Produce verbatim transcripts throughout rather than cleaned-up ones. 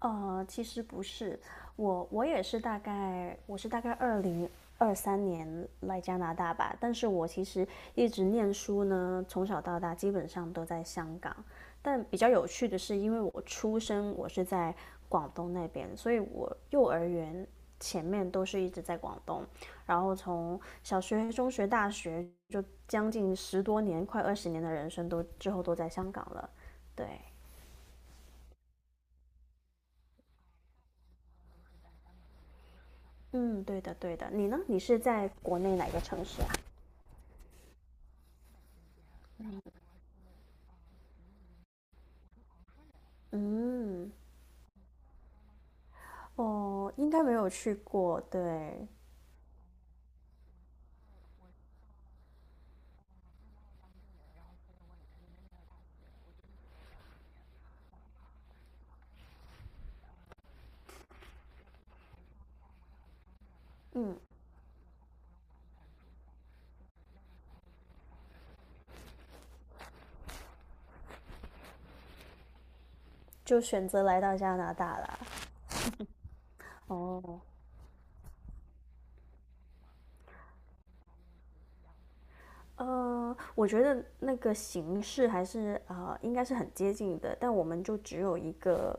呃，其实不是，我我也是大概我是大概二零二三年来加拿大吧，但是我其实一直念书呢，从小到大基本上都在香港。但比较有趣的是，因为我出生我是在广东那边，所以我幼儿园前面都是一直在广东，然后从小学、中学、大学就将近十多年、快二十年的人生都之后都在香港了，对。嗯，对的，对的。你呢？你是在国内哪个城市啊？嗯，哦，应该没有去过，对，嗯，就选择来到加拿大了。哦，呃，我觉得那个形式还是呃，应该是很接近的，但我们就只有一个，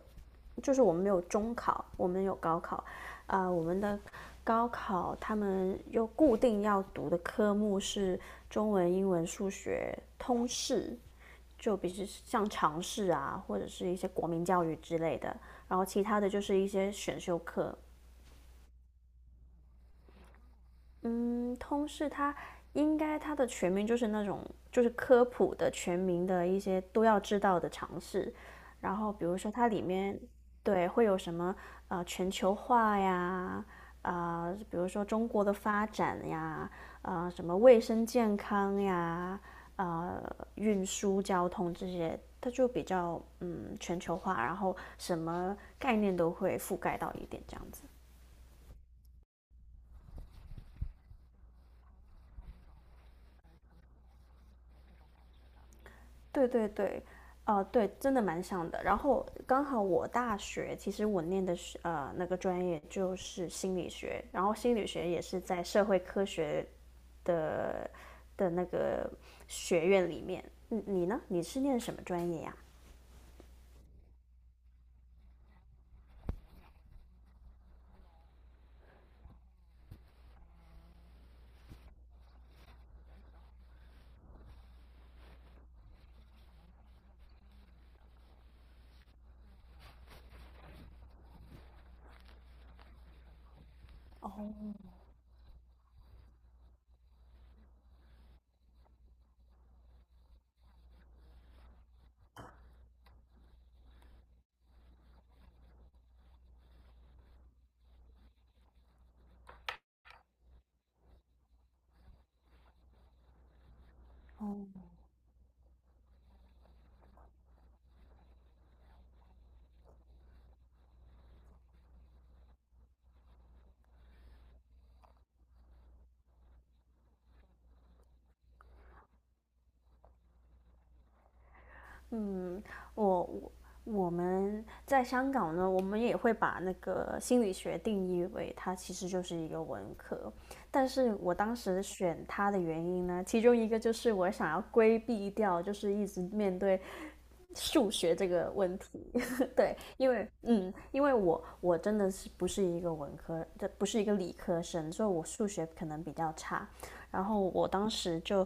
就是我们没有中考，我们有高考，啊、我们的高考他们又固定要读的科目是中文、英文、数学、通识，就比如像尝试啊，或者是一些国民教育之类的，然后其他的就是一些选修课，嗯，通识它应该它的全名就是那种就是科普的全民的一些都要知道的常识，然后比如说它里面对会有什么呃全球化呀，啊、比如说中国的发展呀，啊、什么卫生健康呀，呃运输交通这些，它就比较嗯全球化，然后什么概念都会覆盖到一点这样子。对对对，呃，对，真的蛮像的。然后刚好我大学其实我念的是呃那个专业就是心理学，然后心理学也是在社会科学的的那个学院里面。你你呢？你是念什么专业呀、嗯，我我我们在香港呢，我们也会把那个心理学定义为它其实就是一个文科，但是我当时选它的原因呢，其中一个就是我想要规避掉，就是一直面对数学这个问题，对，因为嗯，因为我我真的是不是一个文科，这不是一个理科生，所以我数学可能比较差，然后我当时就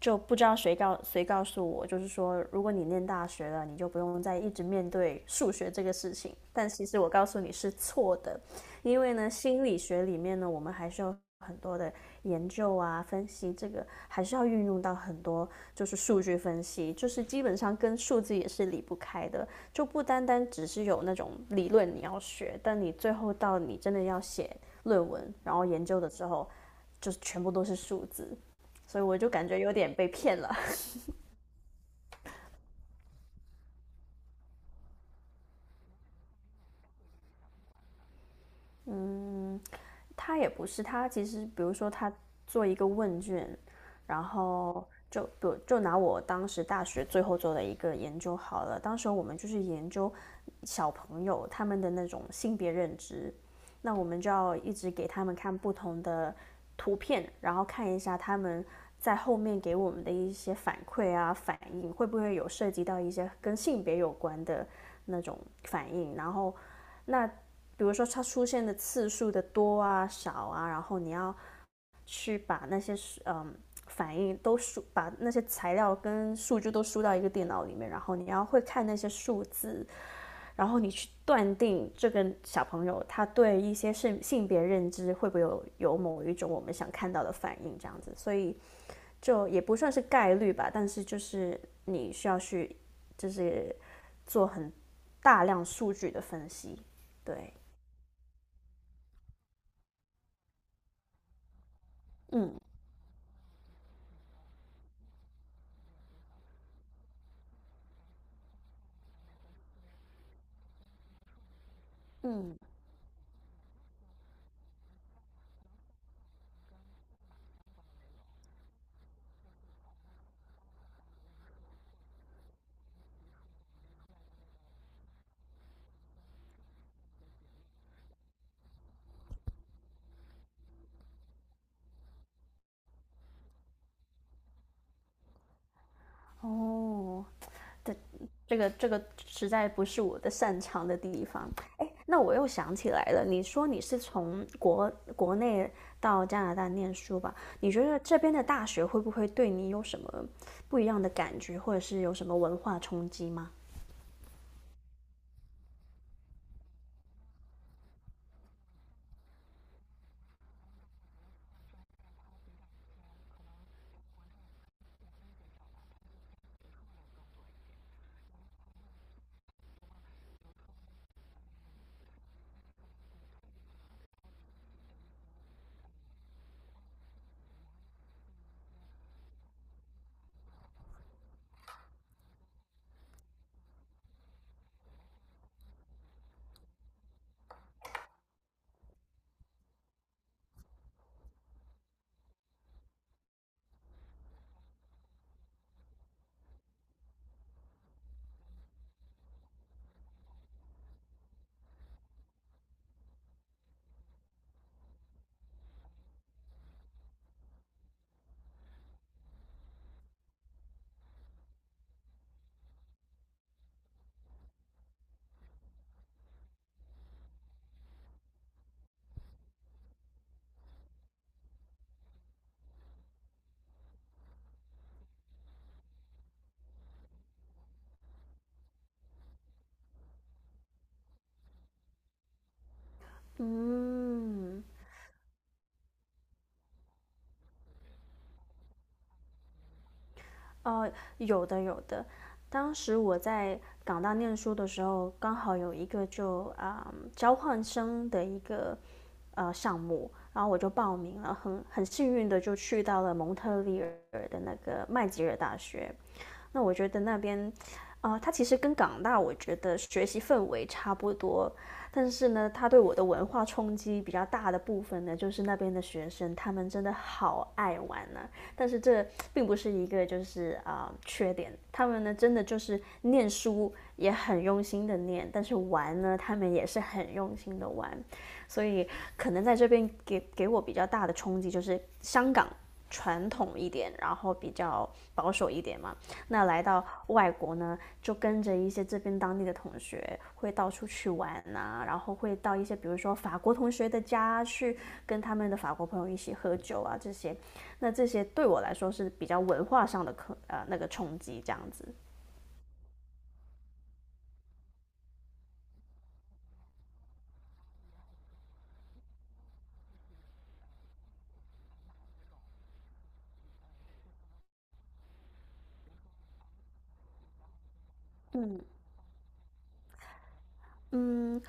就不知道谁告谁告诉我，就是说，如果你念大学了，你就不用再一直面对数学这个事情。但其实我告诉你是错的，因为呢，心理学里面呢，我们还是有很多的研究啊、分析，这个还是要运用到很多，就是数据分析，就是基本上跟数字也是离不开的，就不单单只是有那种理论你要学，但你最后到你真的要写论文，然后研究的时候，就全部都是数字。所以我就感觉有点被骗了。嗯，他也不是，他其实比如说他做一个问卷，然后就比如就拿我当时大学最后做的一个研究好了，当时我们就是研究小朋友他们的那种性别认知，那我们就要一直给他们看不同的图片，然后看一下他们，在后面给我们的一些反馈啊、反应，会不会有涉及到一些跟性别有关的那种反应？然后那比如说它出现的次数的多啊、少啊，然后你要去把那些嗯反应都输，把那些材料跟数据都输到一个电脑里面，然后你要会看那些数字，然后你去断定这个小朋友他对一些性性别认知会不会有有某一种我们想看到的反应这样子，所以就也不算是概率吧，但是就是你需要去就是做很大量数据的分析，对，嗯。嗯，哦，对，这个这个实在不是我的擅长的地方。哎，那我又想起来了，你说你是从国国内到加拿大念书吧？你觉得这边的大学会不会对你有什么不一样的感觉，或者是有什么文化冲击吗？嗯，哦，有的有的。当时我在港大念书的时候，刚好有一个就啊、交换生的一个呃项目，然后我就报名了，很很幸运的就去到了蒙特利尔的那个麦吉尔大学。那我觉得那边，啊，它其实跟港大我觉得学习氛围差不多，但是呢，它对我的文化冲击比较大的部分呢，就是那边的学生他们真的好爱玩啊。但是这并不是一个就是啊、呃缺点，他们呢真的就是念书也很用心的念，但是玩呢他们也是很用心的玩，所以可能在这边给给我比较大的冲击就是香港传统一点，然后比较保守一点嘛，那来到外国呢，就跟着一些这边当地的同学，会到处去玩啊，然后会到一些比如说法国同学的家去跟他们的法国朋友一起喝酒啊这些。那这些对我来说是比较文化上的呃那个冲击这样子。嗯嗯，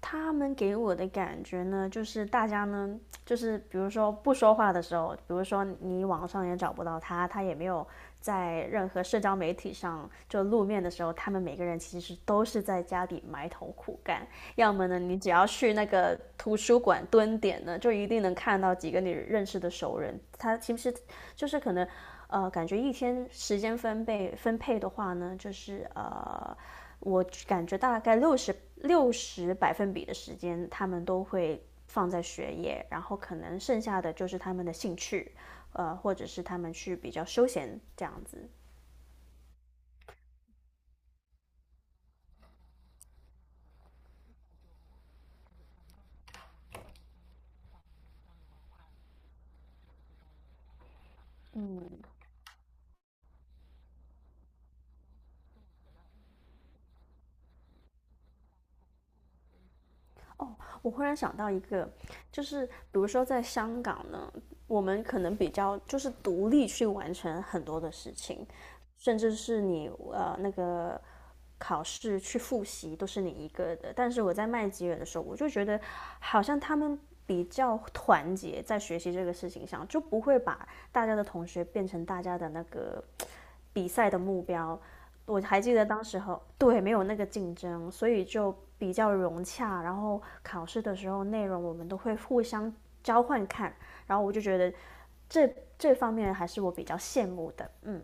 他们给我的感觉呢，就是大家呢，就是比如说不说话的时候，比如说你网上也找不到他，他也没有在任何社交媒体上就露面的时候，他们每个人其实都是在家里埋头苦干。要么呢，你只要去那个图书馆蹲点呢，就一定能看到几个你认识的熟人。他其实就是可能，呃，感觉一天时间分配分配的话呢，就是呃。我感觉大概六十六十百分比的时间，他们都会放在学业，然后可能剩下的就是他们的兴趣，呃，或者是他们去比较休闲这样子。嗯，我忽然想到一个，就是比如说在香港呢，我们可能比较就是独立去完成很多的事情，甚至是你呃那个考试去复习都是你一个的，但是我在麦吉尔的时候，我就觉得好像他们比较团结，在学习这个事情上，就不会把大家的同学变成大家的那个比赛的目标。我还记得当时候，对，没有那个竞争，所以就比较融洽。然后考试的时候，内容我们都会互相交换看，然后我就觉得这这方面还是我比较羡慕的，嗯。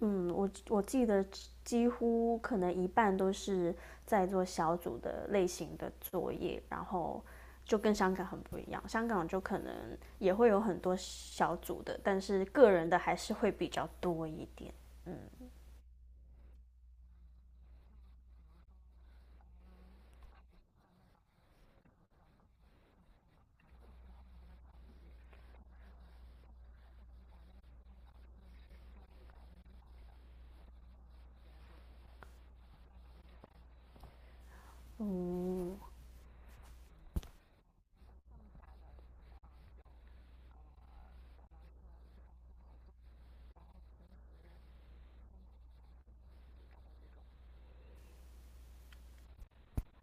嗯，我我记得几乎可能一半都是在做小组的类型的作业，然后就跟香港很不一样。香港就可能也会有很多小组的，但是个人的还是会比较多一点。嗯嗯，